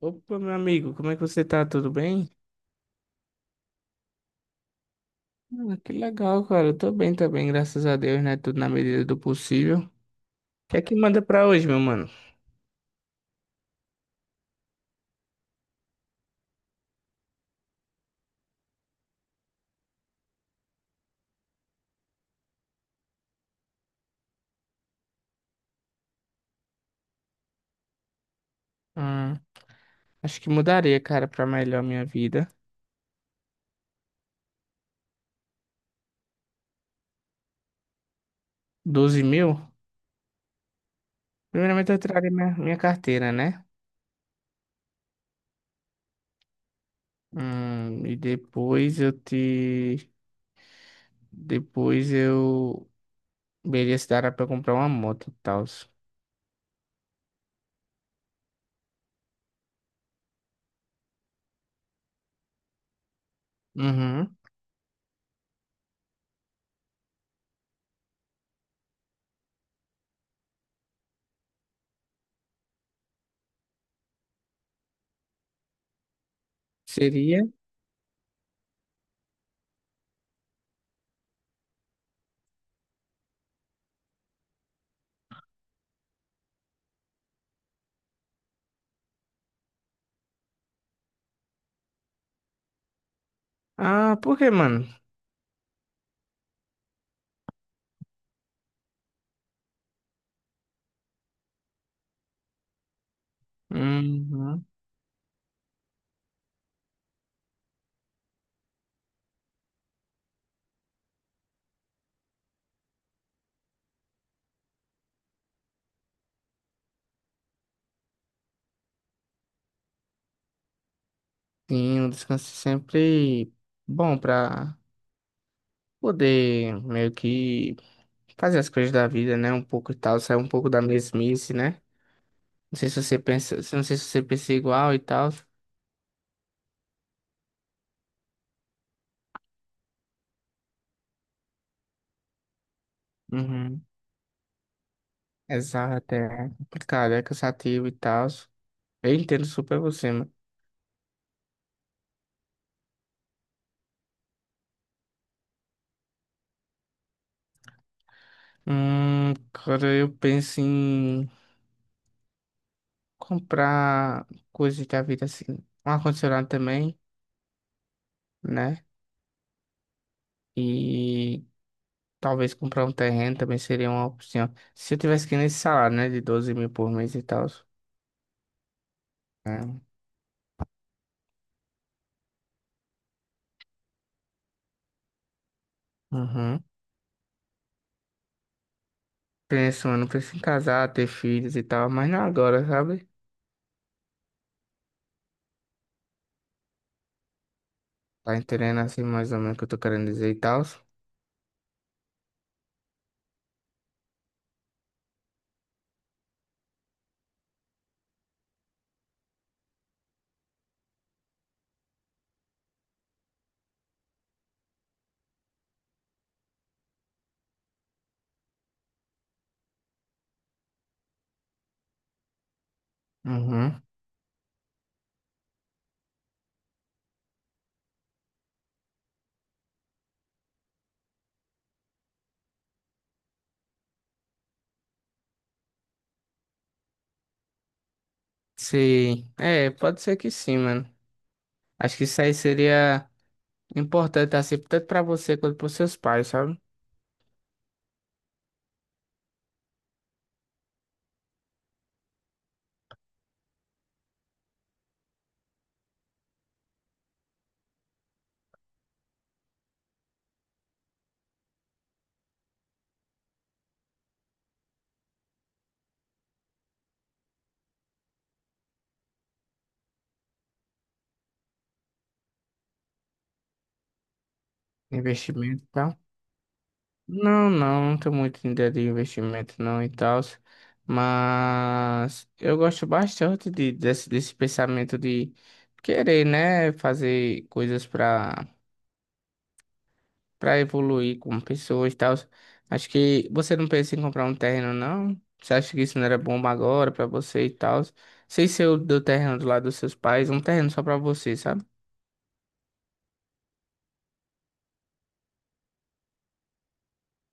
Opa, meu amigo, como é que você tá? Tudo bem? Ah, que legal, cara. Eu tô bem também, graças a Deus, né? Tudo na medida do possível. O que é que manda pra hoje, meu mano? Ah, acho que mudaria, cara, pra melhor minha vida. 12 mil? Primeiramente eu traria minha carteira, né? E depois eu te... Depois eu... Veria se dará pra comprar uma moto e tal. Uhum. Seria? Ah, por quê, mano? Uhum. Sim, um descanso sempre bom pra poder meio que fazer as coisas da vida, né? Um pouco e tal, sair um pouco da mesmice, né? Não sei se você pensa, não sei se você pensa igual e tal. Uhum. Exato, é complicado, é cansativo e tal. Eu entendo super você, mano. Cara, eu penso em comprar coisas da vida assim. Um ar-condicionado também, né? E talvez comprar um terreno também seria uma opção. Se eu tivesse que ir nesse salário, né? De 12 mil por mês e tal. É. Uhum. Penso, mano, penso em casar, ter filhos e tal, mas não agora, sabe? Tá entendendo assim mais ou menos o que eu tô querendo dizer e tal? Uhum. Sim. É, pode ser que sim, mano. Acho que isso aí seria importante, assim, tanto pra você quanto pros seus pais, sabe? Investimento e tal. Não, não, não tô muito em ideia de investimento não e tal, mas eu gosto bastante desse pensamento de querer, né, fazer coisas pra para evoluir como pessoa e tal. Acho que você não pensa em comprar um terreno, não? Você acha que isso não era bom agora para você e tal? Sei se eu do terreno do lado dos seus pais, um terreno só para você, sabe?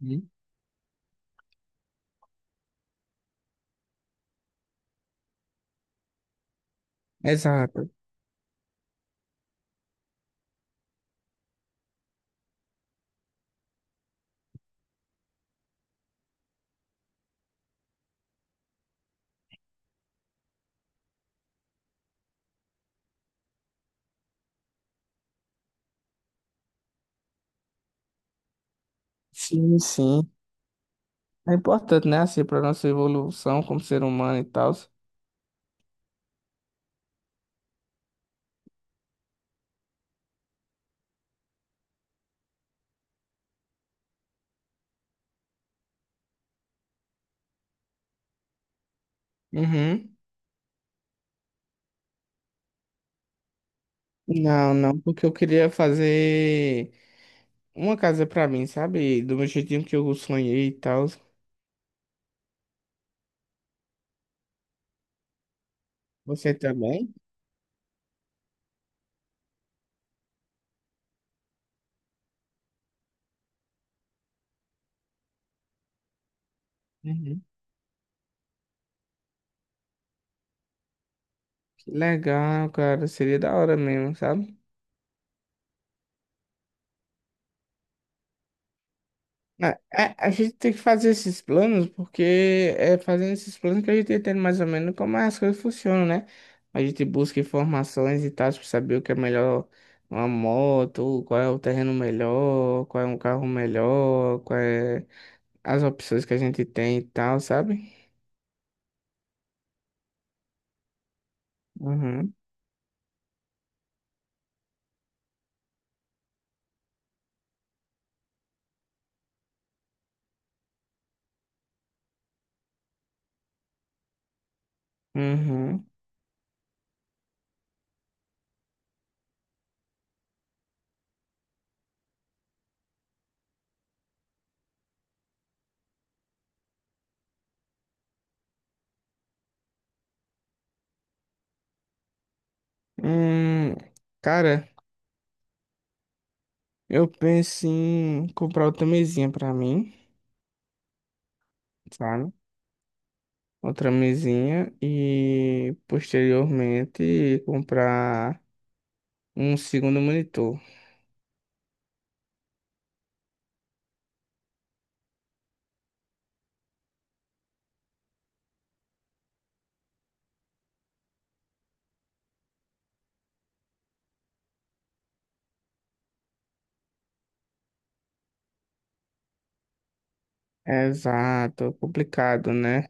Uhum. Exato. Sim, sim. É importante, né? Assim, para nossa evolução como ser humano e tal. Uhum. Não, não, porque eu queria fazer uma casa para mim, sabe? Do meu jeitinho que eu sonhei e tal. Você também? Uhum. Que legal, cara. Seria da hora mesmo, sabe? Né, a gente tem que fazer esses planos porque é fazendo esses planos que a gente entende mais ou menos como as coisas funcionam, né? A gente busca informações e tal para saber o que é melhor, uma moto, qual é o terreno melhor, qual é um carro melhor, qual é as opções que a gente tem e tal, sabe? Uhum, uhum. Hum, cara, eu penso em comprar outra mesinha pra mim, sabe? Outra mesinha e posteriormente comprar um segundo monitor. Exato, é complicado, né?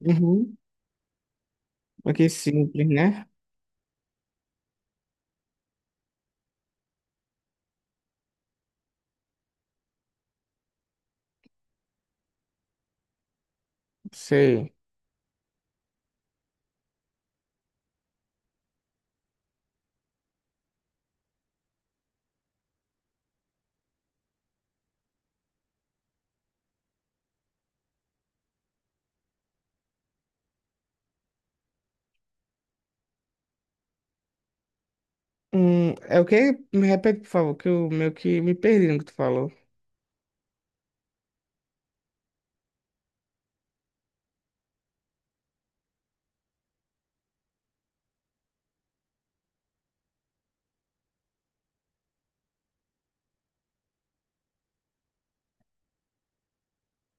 Uhum. Aqui simples, né? Sei. É o que? Me repete, por favor, que eu meio que me perdi no que tu falou.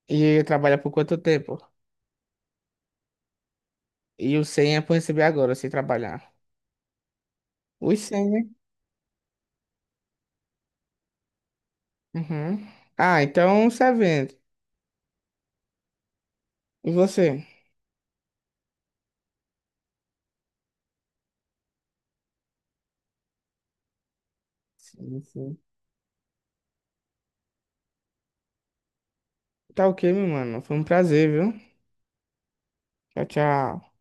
E trabalha por quanto tempo? E o 100 é pra receber agora, sem trabalhar. Os 100, né? Uhum. Ah, então você vende. E você? Sim, sim. Tá ok, meu mano. Foi um prazer, viu? Tchau, tchau.